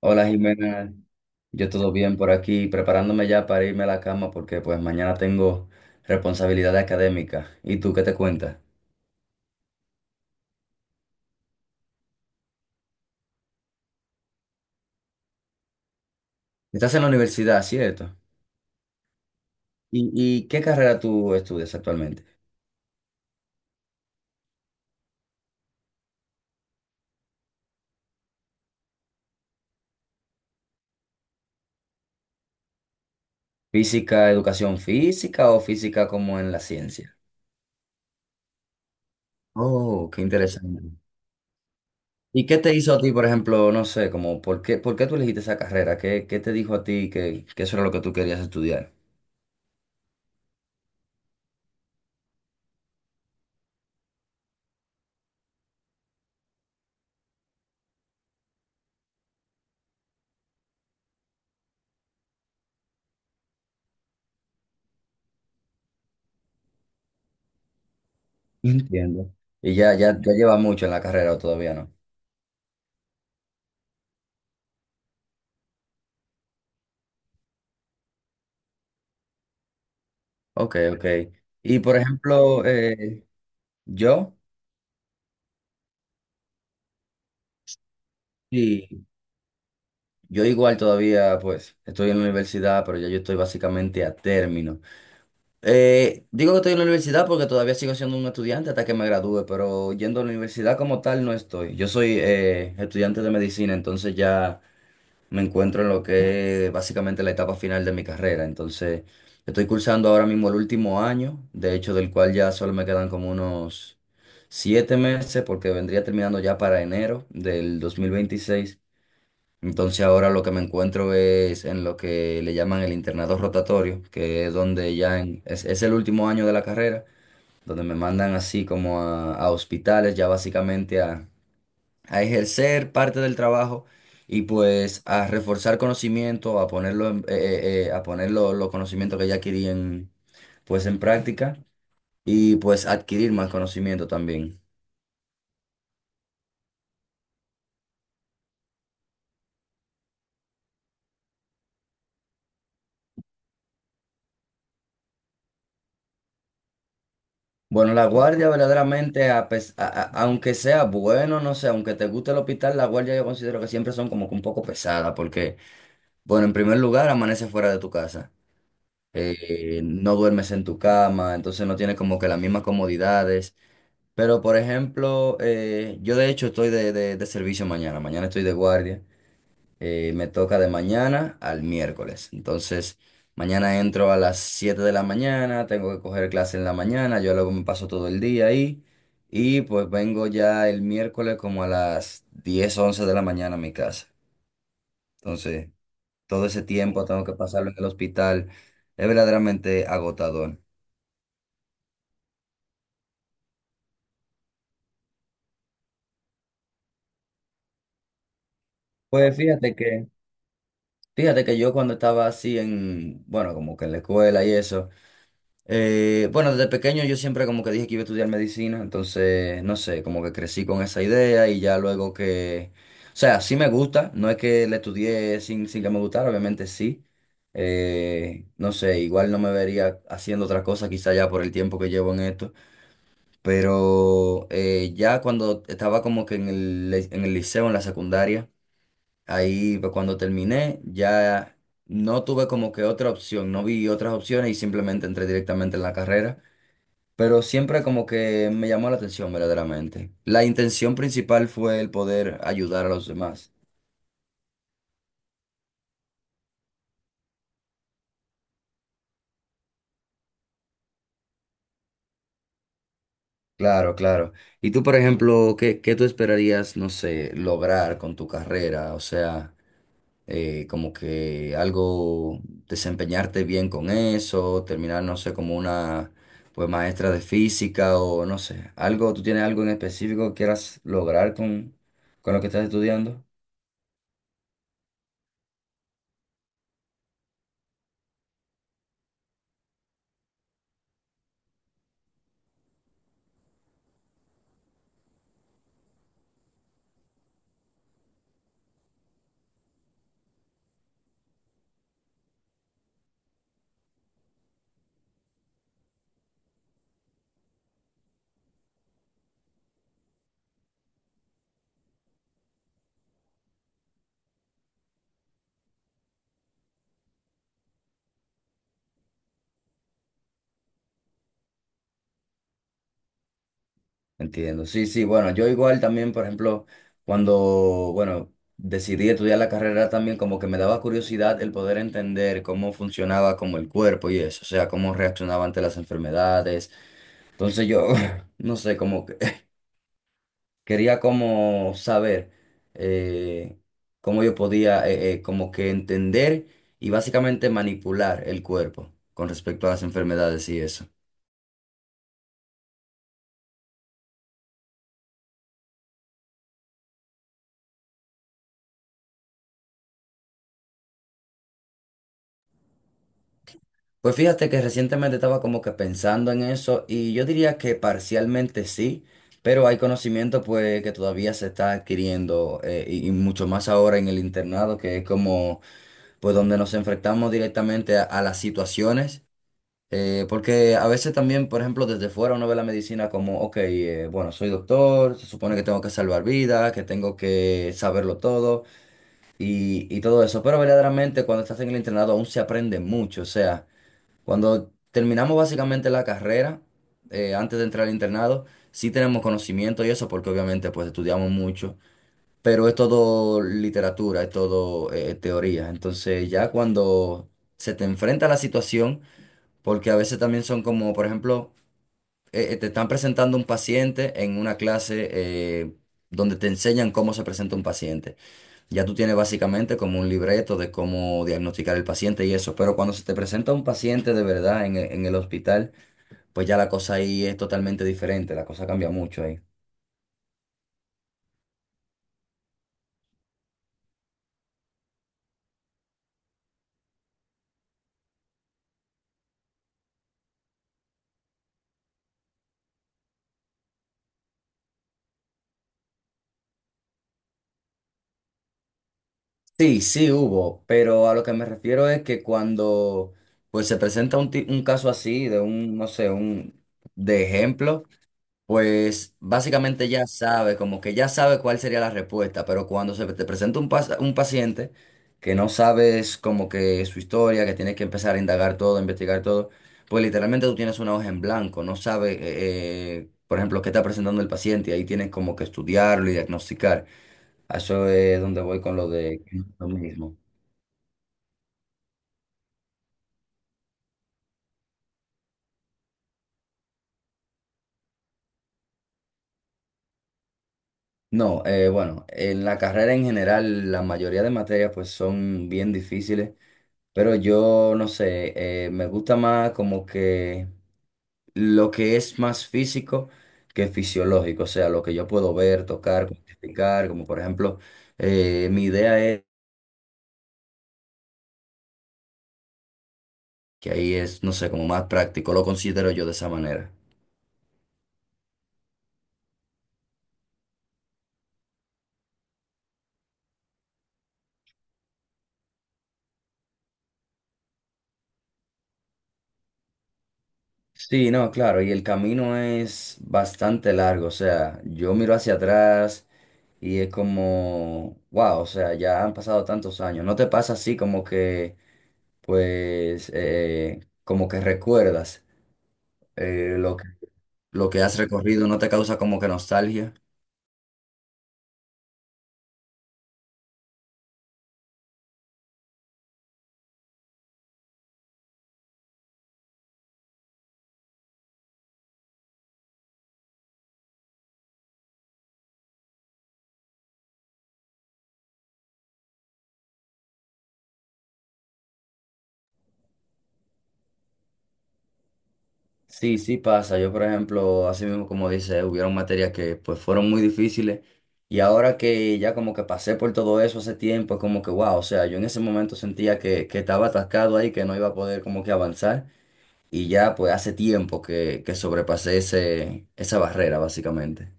Hola Jimena, yo todo bien por aquí, preparándome ya para irme a la cama porque pues mañana tengo responsabilidad académica. ¿Y tú qué te cuentas? Estás en la universidad, ¿cierto? ¿Y qué carrera tú estudias actualmente? ¿Física, educación física o física como en la ciencia? Oh, qué interesante. ¿Y qué te hizo a ti, por ejemplo, no sé, como por qué tú elegiste esa carrera? ¿Qué te dijo a ti que eso era lo que tú querías estudiar? No entiendo. Y ya llevas mucho en la carrera o todavía no. Ok, ok. Y por ejemplo, yo, sí, yo igual todavía, pues, estoy en la universidad, pero ya yo estoy básicamente a término. Digo que estoy en la universidad porque todavía sigo siendo un estudiante hasta que me gradúe, pero yendo a la universidad como tal no estoy. Yo soy estudiante de medicina, entonces ya me encuentro en lo que es básicamente la etapa final de mi carrera. Entonces, estoy cursando ahora mismo el último año, de hecho, del cual ya solo me quedan como unos 7 meses, porque vendría terminando ya para enero del 2026. Entonces, ahora lo que me encuentro es en lo que le llaman el internado rotatorio, que es donde es el último año de la carrera, donde me mandan así como a hospitales, ya básicamente a ejercer parte del trabajo y pues a reforzar conocimiento, a poner los conocimientos que ya adquirí en, pues en práctica, y pues adquirir más conocimiento también. Bueno, la guardia verdaderamente, a pes- a- aunque sea bueno, no sé, aunque te guste el hospital, la guardia yo considero que siempre son como que un poco pesadas, porque, bueno, en primer lugar, amaneces fuera de tu casa, no duermes en tu cama, entonces no tienes como que las mismas comodidades. Pero, por ejemplo, yo de hecho estoy de servicio mañana. Mañana estoy de guardia. Me toca de mañana al miércoles. Entonces, mañana entro a las 7 de la mañana, tengo que coger clase en la mañana, yo luego me paso todo el día ahí. Y pues vengo ya el miércoles como a las 10 u 11 de la mañana a mi casa. Entonces, todo ese tiempo tengo que pasarlo en el hospital. Es verdaderamente agotador. Pues fíjate que... Fíjate que yo cuando estaba así en, bueno, como que en la escuela y eso, bueno, desde pequeño yo siempre como que dije que iba a estudiar medicina, entonces, no sé, como que crecí con esa idea y ya luego que, o sea, sí me gusta, no es que la estudié sin, sin que me gustara, obviamente sí, no sé, igual no me vería haciendo otra cosa quizá ya por el tiempo que llevo en esto, pero ya cuando estaba como que en el liceo, en la secundaria, ahí pues, cuando terminé ya no tuve como que otra opción, no vi otras opciones y simplemente entré directamente en la carrera, pero siempre como que me llamó la atención verdaderamente. La intención principal fue el poder ayudar a los demás. Claro, claro. Y tú, por ejemplo, ¿qué tú esperarías, no sé, lograr con tu carrera? O sea... como que algo, desempeñarte bien con eso, terminar, no sé, como una pues maestra de física o no sé, algo, ¿tú tienes algo en específico que quieras lograr con lo que estás estudiando? Entiendo, sí, sí, bueno, yo igual también, por ejemplo, cuando, bueno, decidí estudiar la carrera también, como que me daba curiosidad el poder entender cómo funcionaba como el cuerpo y eso, o sea, cómo reaccionaba ante las enfermedades. Entonces yo, no sé, como quería como saber eh, cómo yo podía como que entender y básicamente manipular el cuerpo con respecto a las enfermedades y eso. Pues fíjate que recientemente estaba como que pensando en eso y yo diría que parcialmente sí, pero hay conocimiento pues que todavía se está adquiriendo y mucho más ahora en el internado que es como pues donde nos enfrentamos directamente a las situaciones. Porque a veces también, por ejemplo, desde fuera uno ve la medicina como, ok, bueno, soy doctor, se supone que tengo que salvar vidas, que tengo que saberlo todo y todo eso. Pero verdaderamente cuando estás en el internado aún se aprende mucho. O sea, cuando terminamos básicamente la carrera, antes de entrar al internado, sí tenemos conocimiento y eso porque obviamente pues estudiamos mucho, pero es todo literatura, es todo teoría. Entonces ya cuando se te enfrenta a la situación, porque a veces también son como, por ejemplo, te están presentando un paciente en una clase eh, donde te enseñan cómo se presenta un paciente. Ya tú tienes básicamente como un libreto de cómo diagnosticar el paciente y eso, pero cuando se te presenta un paciente de verdad en, en el hospital, pues ya la cosa ahí es totalmente diferente, la cosa cambia mucho ahí. Sí, sí hubo, pero a lo que me refiero es que cuando pues se presenta un, un caso así, de un, no sé, un, de ejemplo. Pues básicamente ya sabe, como que ya sabe cuál sería la respuesta, pero cuando se te presenta un, un paciente que no sabes como que su historia, que tienes que empezar a indagar todo, a investigar todo, pues literalmente tú tienes una hoja en blanco, no sabes, por ejemplo, qué está presentando el paciente, y ahí tienes como que estudiarlo y diagnosticar. A eso es donde voy con lo de que no es lo mismo. No, bueno, en la carrera en general la mayoría de materias pues son bien difíciles. Pero yo no sé, me gusta más como que lo que es más físico que fisiológico, o sea, lo que yo puedo ver, tocar, cuantificar, como por ejemplo, mi idea es que ahí es, no sé, como más práctico, lo considero yo de esa manera. Sí, no, claro, y el camino es bastante largo, o sea, yo miro hacia atrás y es como, wow, o sea, ya han pasado tantos años, ¿no te pasa así como que, pues, como que recuerdas? Eh, lo que, lo que has recorrido no te causa como que nostalgia. Sí, sí pasa. Yo, por ejemplo, así mismo como dice, hubieron materias que pues fueron muy difíciles y ahora que ya como que pasé por todo eso hace tiempo, es como que wow, o sea, yo en ese momento sentía que estaba atascado ahí, que no iba a poder como que avanzar, y ya pues hace tiempo que sobrepasé ese, esa barrera básicamente.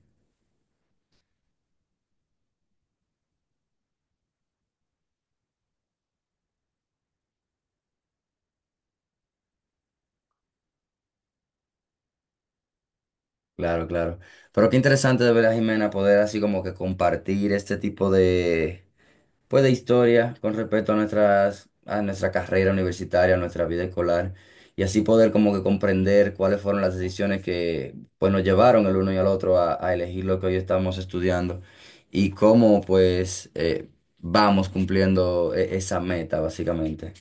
Claro, claro. Pero qué interesante de verdad, Jimena, poder así como que compartir este tipo de pues de historia con respecto a nuestras, a nuestra carrera universitaria, a nuestra vida escolar, y así poder como que comprender cuáles fueron las decisiones que pues nos llevaron el uno y al otro a elegir lo que hoy estamos estudiando y cómo pues vamos cumpliendo esa meta básicamente.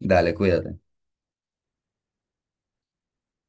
Dale, cuídate.